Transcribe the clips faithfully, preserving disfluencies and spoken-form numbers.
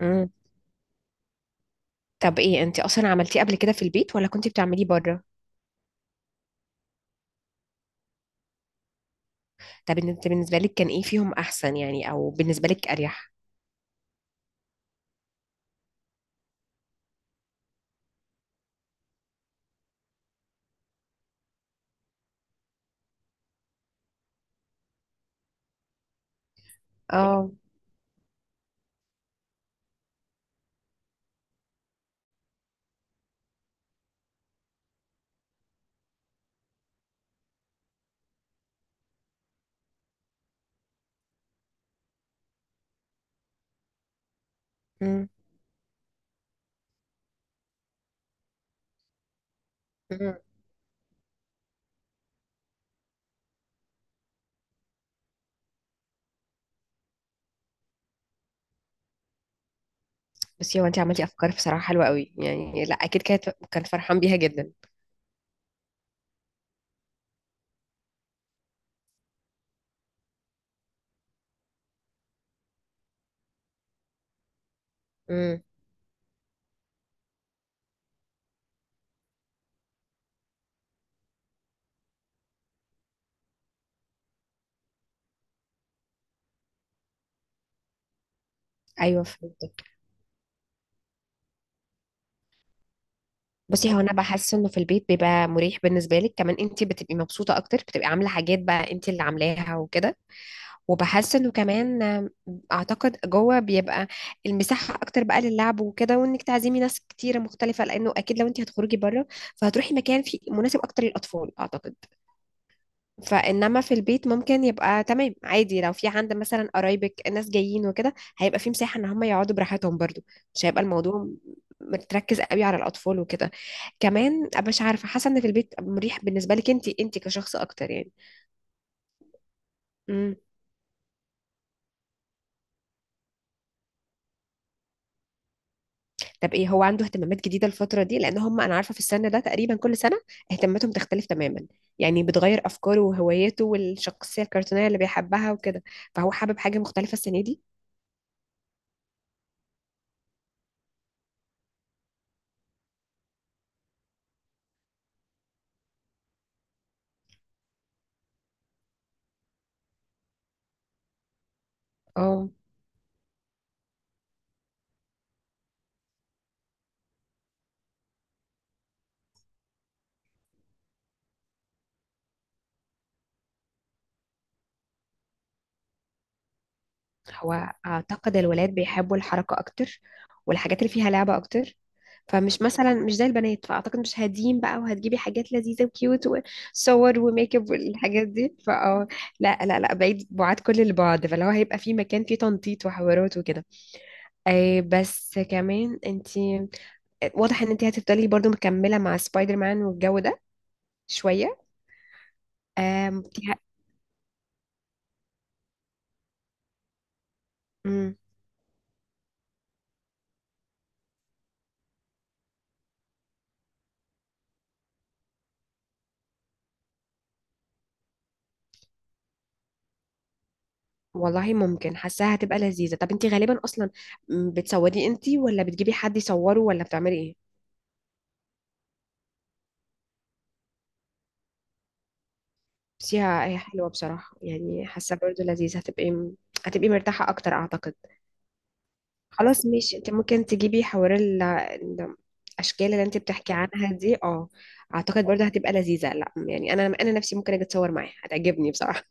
مم. طب ايه انت اصلا عملتيه قبل كده في البيت ولا كنتي بتعمليه بره؟ طب انت بالنسبه لك كان ايه فيهم احسن يعني او بالنسبه لك اريح؟ اه مم. بس هو انت عملتي افكار بصراحه حلوه قوي، يعني لا اكيد كانت كان فرحان بيها جدا. امم. ايوه فهمت. بصي هو انا بحس انه في البيت بيبقى مريح بالنسبه لك، كمان انت بتبقي مبسوطه اكتر، بتبقي عامله حاجات بقى انت اللي عاملاها وكده. وبحس انه كمان آم، اعتقد جوه بيبقى المساحه اكتر بقى للعب وكده، وانك تعزمي ناس كتيره مختلفه، لانه اكيد لو انت هتخرجي بره فهتروحي مكان فيه مناسب اكتر للاطفال اعتقد. فانما في البيت ممكن يبقى تمام عادي، لو في عند مثلا قرايبك الناس جايين وكده هيبقى في مساحه ان هم يقعدوا براحتهم برضو، مش هيبقى الموضوع متركز قوي على الاطفال وكده. كمان أبقى مش عارفه، حاسه ان في البيت مريح بالنسبه لك انت، انت كشخص اكتر يعني. امم. طب ايه، هو عنده اهتمامات جديده الفتره دي؟ لان هم انا عارفه في السن ده تقريبا كل سنه اهتماماتهم تختلف تماما، يعني بتغير افكاره وهواياته والشخصيه الكرتونيه اللي بيحبها وكده. فهو حابب حاجه مختلفه السنه دي؟ اه. هو أعتقد الولاد بيحبوا الحركة أكتر والحاجات اللي فيها لعبة أكتر، فمش مثلا مش زي البنات، فأعتقد مش هادين بقى وهتجيبي حاجات لذيذة وكيوت وصور وميك اب والحاجات دي، فأه لا لا لا، بعيد بعاد كل البعد. فلو هيبقى في مكان فيه تنطيط وحوارات وكده، أي بس كمان انتي واضح ان انتي هتفضلي برضو مكملة مع سبايدر مان والجو ده شوية. أم... انتي ه- مم. والله ممكن، حاساها هتبقى لذيذة. طب انتي غالبا اصلا، م، بتصوري انتي ولا بتجيبي حد يصوره ولا بتعملي ايه؟ بس هي هي حلوة بصراحة، يعني حاسة برضو لذيذة، هتبقي م- هتبقي مرتاحة اكتر اعتقد. خلاص ماشي، انت ممكن تجيبي حوار ال- ال- الاشكال اللي انت بتحكي عنها دي. اه اعتقد برضو هتبقى لذيذة، لا يعني انا انا نفسي ممكن اجي اتصور معاها، هتعجبني بصراحة.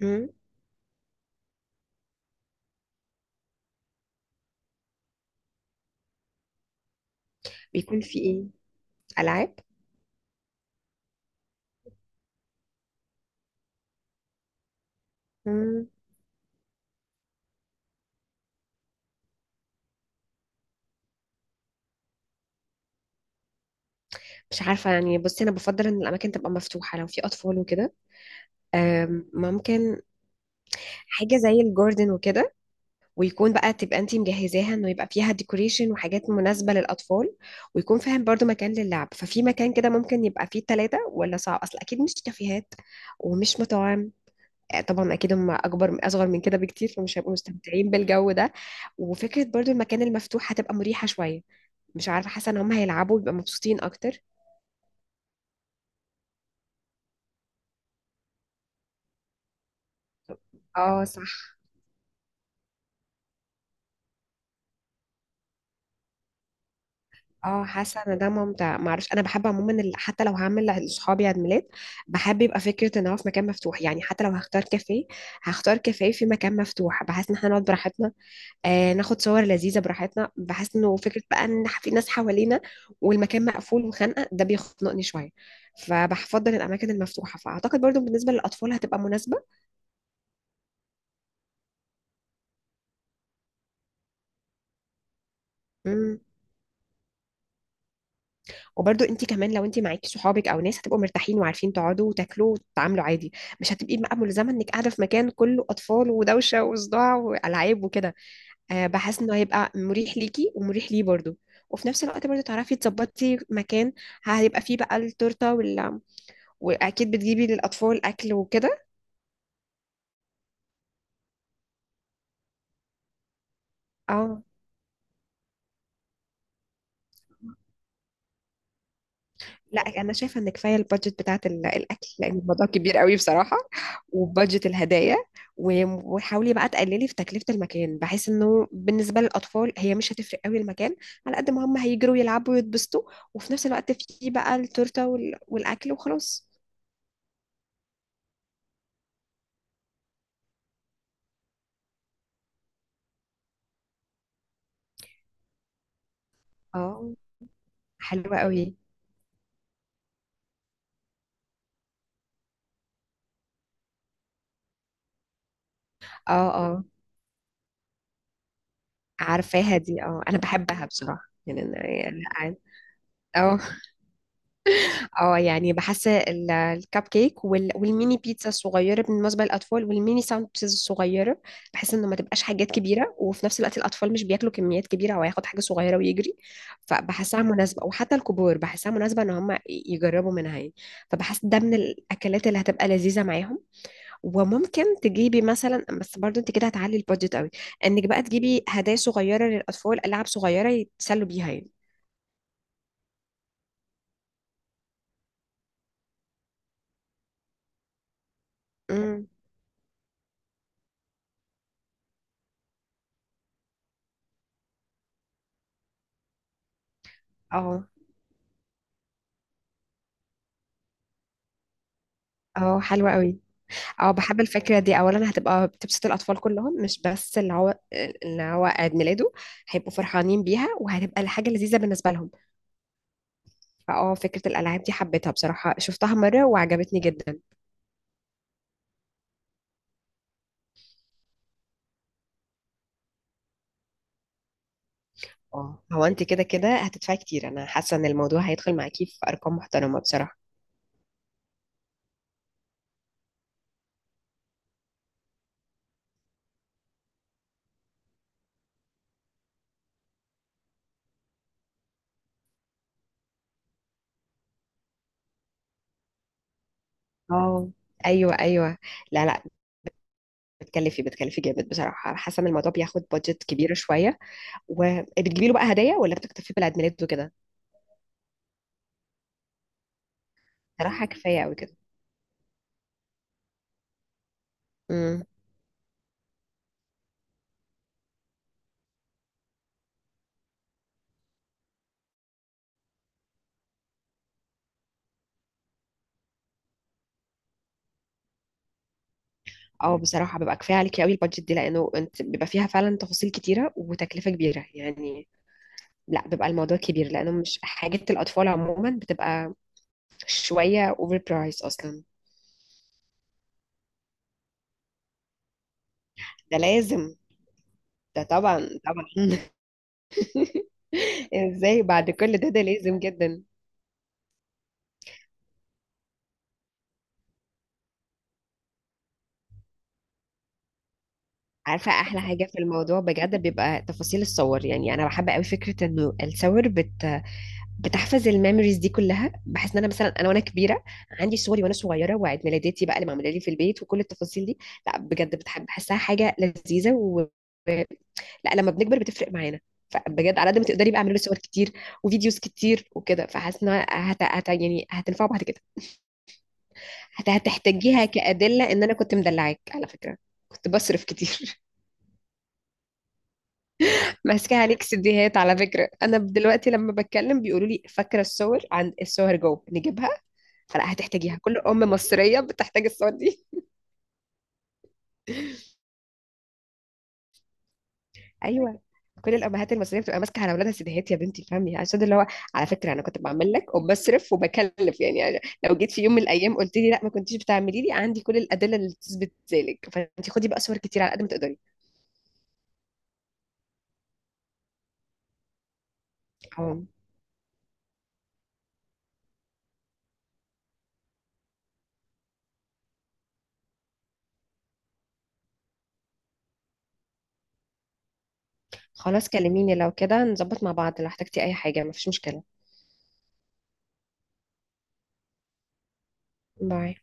مم. بيكون في ايه؟ العاب. مم. مش عارفة يعني، بصي أنا بفضل إن الأماكن تبقى مفتوحة لو في أطفال وكده. أم، ممكن حاجة زي الجاردن وكده، ويكون بقى تبقى انتي مجهزاها انه يبقى فيها ديكوريشن وحاجات مناسبة للأطفال، ويكون فاهم برضو مكان للعب. ففي مكان كده ممكن يبقى فيه ثلاثة، ولا صعب أصل أكيد مش كافيهات ومش مطاعم. آه، طبعا أكيد هم أكبر أصغر من كده بكتير، فمش هيبقوا مستمتعين بالجو ده. وفكرة برضو المكان المفتوح هتبقى مريحة شوية، مش عارفة حاسة إن هم هيلعبوا ويبقى مبسوطين أكتر. اه صح. اه حاسه ان ده ممتع، معرفش انا بحب عموما ال- حتى لو هعمل لاصحابي عيد ميلاد بحب يبقى فكره ان هو في مكان مفتوح، يعني حتى لو هختار كافيه هختار كافيه في مكان مفتوح، بحيث ان احنا نقعد براحتنا، آه ناخد صور لذيذه براحتنا، بحيث انه فكره بقى ان في ناس حوالينا والمكان مقفول وخانقه، ده بيخنقني شويه. فبفضل الاماكن المفتوحه، فاعتقد برضو بالنسبه للاطفال هتبقى مناسبه. مم. وبرضو انت كمان لو انت معاكي صحابك او ناس هتبقوا مرتاحين وعارفين تقعدوا وتاكلوا وتتعاملوا عادي، مش هتبقي بقى ملزمه انك قاعده في مكان كله اطفال ودوشه وصداع والعاب وكده. أه بحس انه هيبقى مريح ليكي ومريح ليه برضو، وفي نفس الوقت برضو تعرفي تظبطي مكان هيبقى فيه بقى التورته وال... واكيد بتجيبي للاطفال اكل وكده. اه لا انا شايفه ان كفايه البادجت بتاعت ال- الاكل، لان الموضوع كبير قوي بصراحه، وبادجت الهدايا. و- وحاولي بقى تقللي في تكلفه المكان، بحيث انه بالنسبه للاطفال هي مش هتفرق قوي المكان، على قد ما هم هيجروا يلعبوا ويتبسطوا، وفي نفس الوقت في بقى التورته وال- والاكل وخلاص. اه حلوه قوي. اه اه عارفاها دي، اه انا بحبها بصراحه. يعني أنا- يعني- اه اه، يعني بحس ال- الكب كيك وال- والميني بيتزا الصغيره بالنسبه للاطفال، والميني ساندوتشز الصغيره، بحس انه ما تبقاش حاجات كبيره، وفي نفس الوقت الاطفال مش بياكلوا كميات كبيره، او هياخد حاجه صغيره ويجري. فبحسها مناسبه، وحتى الكبار بحسها مناسبه ان هم يجربوا منها يعني. فبحس ده من الاكلات اللي هتبقى لذيذه معاهم. وممكن تجيبي مثلا، بس برضو انت كده هتعلي البادجت قوي، انك بقى تجيبي هدايا صغيره للاطفال، العاب صغيره يتسلوا بيها يعني. امم. اه اه حلوه قوي. اه بحب الفكرة دي، أولا هتبقى بتبسط الأطفال كلهم مش بس اللي هو اللي هو عيد ميلاده، هيبقوا فرحانين بيها وهتبقى حاجة لذيذة بالنسبة لهم. فاه فكرة الألعاب دي حبيتها بصراحة، شفتها مرة وعجبتني جدا. اه هو انت كده كده هتدفعي كتير، أنا حاسة إن الموضوع هيدخل معاكي في أرقام محترمة بصراحة. اه ايوه ايوه، لا لا، بتكلفي بتكلفي جامد بصراحه، حاسه ان الموضوع بياخد بادجت كبيره شويه. وبتجيبي له بقى هدايا ولا بتكتفي بالعيد ميلاد وكده؟ بصراحه كفايه قوي كده. امم. اه بصراحة ببقى كفاية عليكي قوي البادجت دي، لأنه انت بيبقى فيها فعلا تفاصيل كتيرة وتكلفة كبيرة يعني. لا بيبقى الموضوع كبير، لأنه مش حاجات الأطفال عموما بتبقى شوية اوفر برايس أصلا. ده لازم. ده طبعا. طبعا. ازاي بعد كل ده؟ ده لازم جدا. عارفة أحلى حاجة في الموضوع بجد بيبقى تفاصيل الصور؟ يعني أنا بحب قوي فكرة إنه الصور بت بتحفظ الميموريز دي كلها. بحس ان انا مثلا انا وانا كبيره عندي صوري وانا صغيره، وعيد ميلاداتي بقى اللي معموله لي في البيت وكل التفاصيل دي، لا بجد بتحب، بحسها حاجه لذيذه و... لا لما بنكبر بتفرق معانا. فبجد على قد ما تقدري بقى اعملي له صور كتير وفيديوز كتير وكده، فحاسه انها هت... هت... يعني هتنفع بعد كده. هت... هتحتاجيها كادله ان انا كنت مدلعاك على فكره، كنت بصرف كتير. ماسكه عليك سيديهات على فكره، انا دلوقتي لما بتكلم بيقولوا لي فاكره الصور؟ عند الصور جو نجيبها. فلا هتحتاجيها، كل ام مصريه بتحتاج الصور دي. ايوه، كل الامهات المصريه بتبقى ماسكه على اولادها سيديهات. يا بنتي فهمي عشان اللي هو، على فكره انا كنت بعمل لك وبصرف وبكلف يعني, يعني لو جيت في يوم من الايام قلت لي لا ما كنتيش بتعملي لي، عندي كل الادله اللي تثبت ذلك. فانت خدي بقى صور كتير على قد ما تقدري. أهو. خلاص كلميني، لو كده نظبط مع بعض، لو احتجتي اي حاجه مفيش مشكله. باي.